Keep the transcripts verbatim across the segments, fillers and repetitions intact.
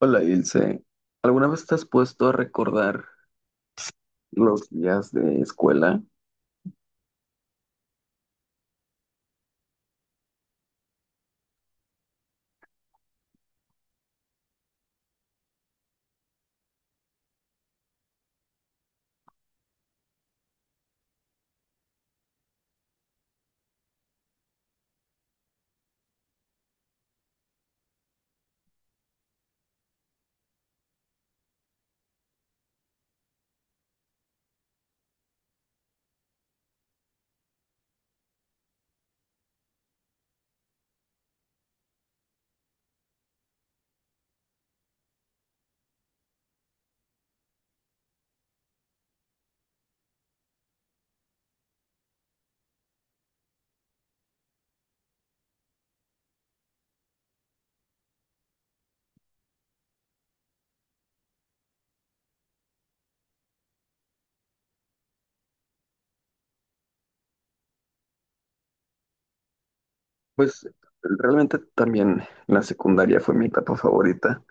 Hola, Ilse. ¿Alguna vez te has puesto a recordar los días de escuela? Pues realmente también la secundaria fue mi etapa favorita.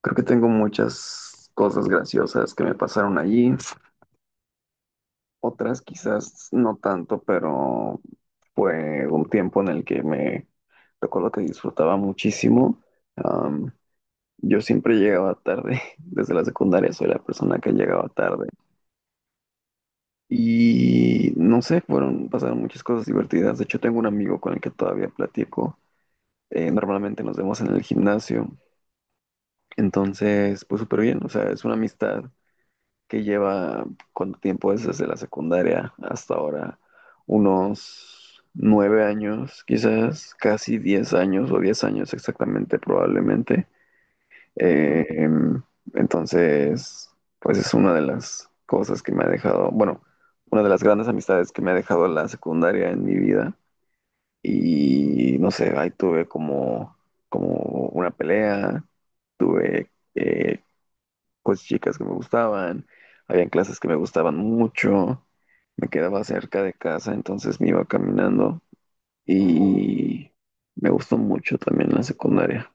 Creo que tengo muchas cosas graciosas que me pasaron allí, otras quizás no tanto, pero fue un tiempo en el que me recuerdo que disfrutaba muchísimo. Am, yo siempre llegaba tarde, desde la secundaria soy la persona que llegaba tarde. Y no sé, fueron, pasaron muchas cosas divertidas. De hecho, tengo un amigo con el que todavía platico. Eh, normalmente nos vemos en el gimnasio. Entonces, pues súper bien, o sea, es una amistad que lleva, ¿cuánto tiempo es desde la secundaria hasta ahora? Unos nueve años, quizás casi diez años o diez años exactamente, probablemente. Eh, em, entonces, pues es una de las cosas que me ha dejado, bueno, una de las grandes amistades que me ha dejado la secundaria en mi vida. Y no sé, ahí tuve como, como una pelea, tuve eh, pues chicas que me gustaban, habían clases que me gustaban mucho, me quedaba cerca de casa, entonces me iba caminando y me gustó mucho también la secundaria.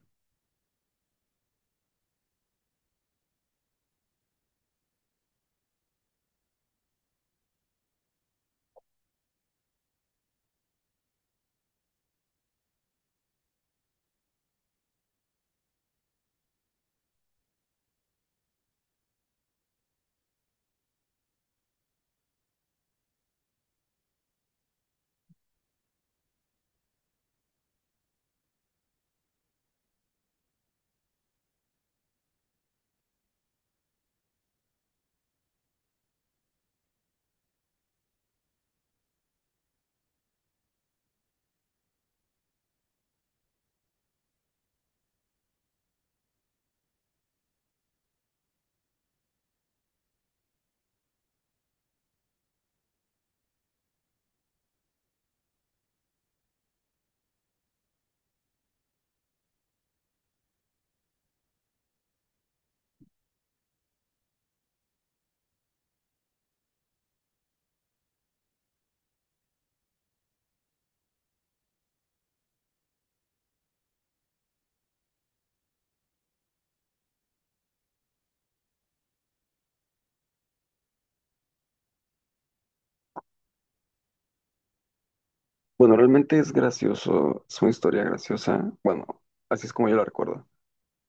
Bueno, realmente es gracioso, es una historia graciosa. Bueno, así es como yo la recuerdo.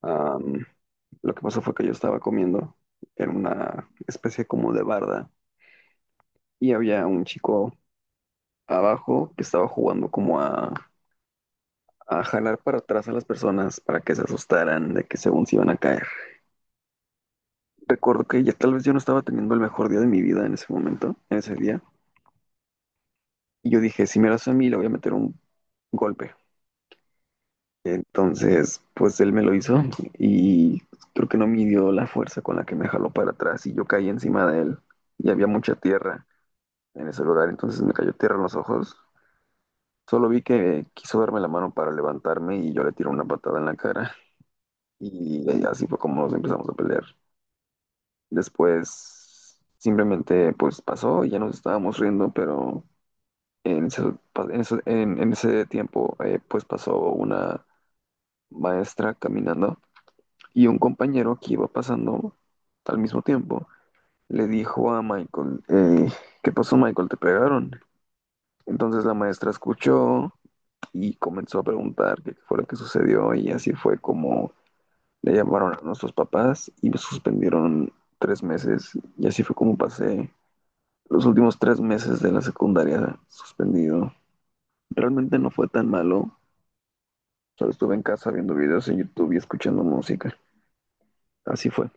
Am, lo que pasó fue que yo estaba comiendo en una especie como de barda y había un chico abajo que estaba jugando como a, a jalar para atrás a las personas para que se asustaran de que según se iban a caer. Recuerdo que ya tal vez yo no estaba teniendo el mejor día de mi vida en ese momento, en ese día. Y yo dije, si me lo hace a mí, le voy a meter un golpe. Entonces, pues él me lo hizo y creo que no midió la fuerza con la que me jaló para atrás y yo caí encima de él y había mucha tierra en ese lugar, entonces me cayó tierra en los ojos. Solo vi que quiso darme la mano para levantarme y yo le tiré una patada en la cara y así fue como nos empezamos a pelear. Después simplemente pues pasó, y ya nos estábamos riendo, pero En ese, pa- en ese- en- en ese tiempo, eh, pues pasó una maestra caminando y un compañero que iba pasando al mismo tiempo le dijo a Michael, eh, ¿qué pasó, Michael? ¿Te pegaron? Entonces la maestra escuchó y comenzó a preguntar qué fue lo que sucedió y así fue como le llamaron a nuestros papás y me suspendieron tres meses y así fue como pasé los últimos tres meses de la secundaria suspendido. Realmente no fue tan malo. Solo estuve en casa viendo videos en YouTube y escuchando música. Así fue. En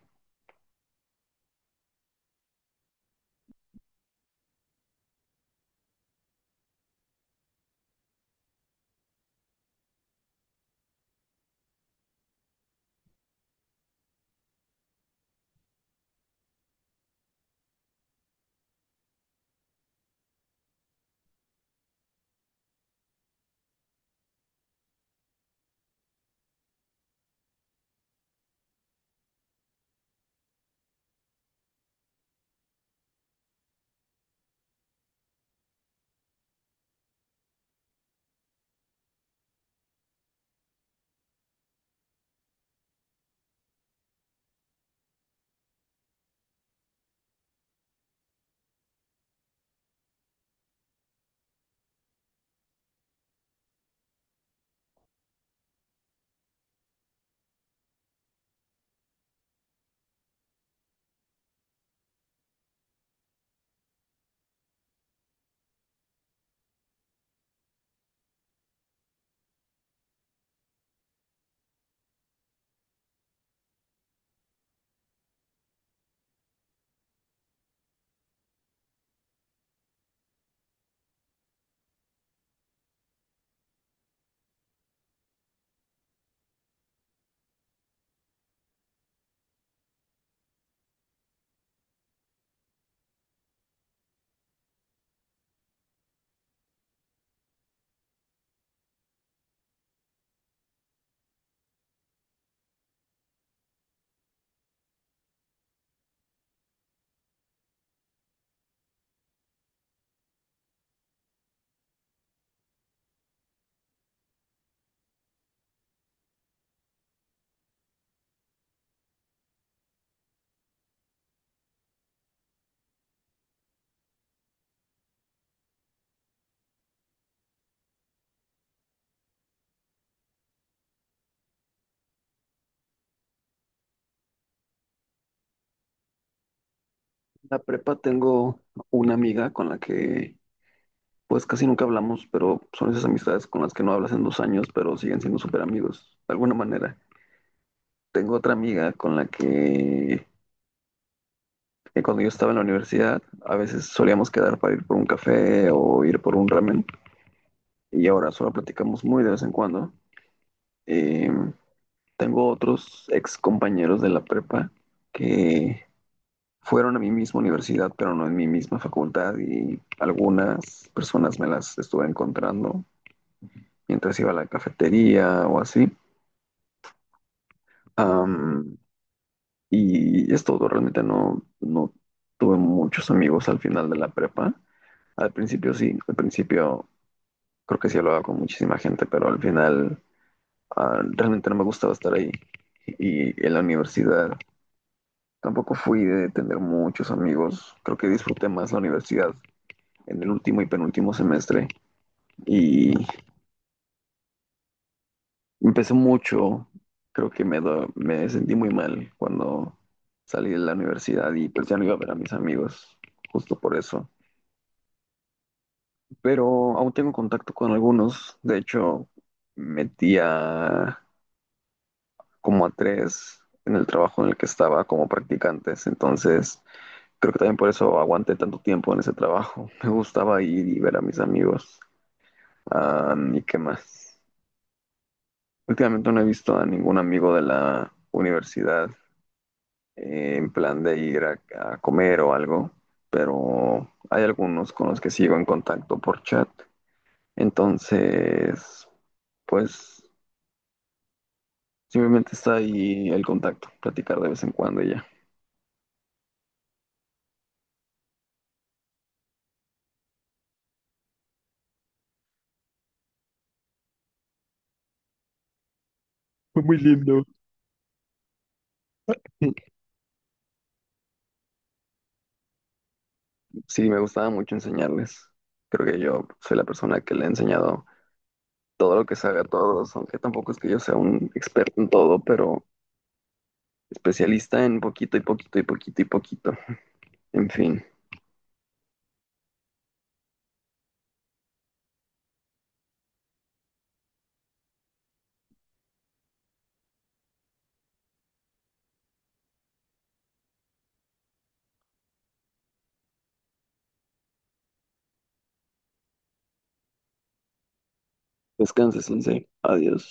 la prepa tengo una amiga con la que pues casi nunca hablamos, pero son esas amistades con las que no hablas en dos años, pero siguen siendo súper amigos, de alguna manera. Tengo otra amiga con la que, que cuando yo estaba en la universidad a veces solíamos quedar para ir por un café o ir por un ramen y ahora solo platicamos muy de vez en cuando. Eh, Tengo otros ex compañeros de la prepa que fueron a mi misma universidad, pero no en mi misma facultad y algunas personas me las estuve encontrando mientras iba a la cafetería o así. Am, y es todo, realmente no, no tuve muchos amigos al final de la prepa. Al principio sí, al principio creo que sí hablaba con muchísima gente, pero al final ah, realmente no me gustaba estar ahí. Y en la universidad tampoco fui de tener muchos amigos. Creo que disfruté más la universidad en el último y penúltimo semestre y empezó mucho. Creo que me, do- me sentí muy mal cuando salí de la universidad y pues ya no iba a ver a mis amigos, justo por eso. Pero aún tengo contacto con algunos. De hecho, metí a como a tres en el trabajo en el que estaba como practicantes. Entonces, creo que también por eso aguanté tanto tiempo en ese trabajo. Me gustaba ir y ver a mis amigos. Ah, ¿y qué más? Últimamente no he visto a ningún amigo de la universidad. Eh, en plan de ir a, a comer o algo, pero hay algunos con los que sigo en contacto por chat. Entonces, pues simplemente está ahí el contacto, platicar de vez en cuando y ya. Fue muy lindo. Sí, me gustaba mucho enseñarles. Creo que yo soy la persona que le he enseñado todo lo que sabe a todos, aunque tampoco es que yo sea un experto en todo, pero especialista en poquito y poquito y poquito y poquito. En fin. Descanse, Sensei. Adiós.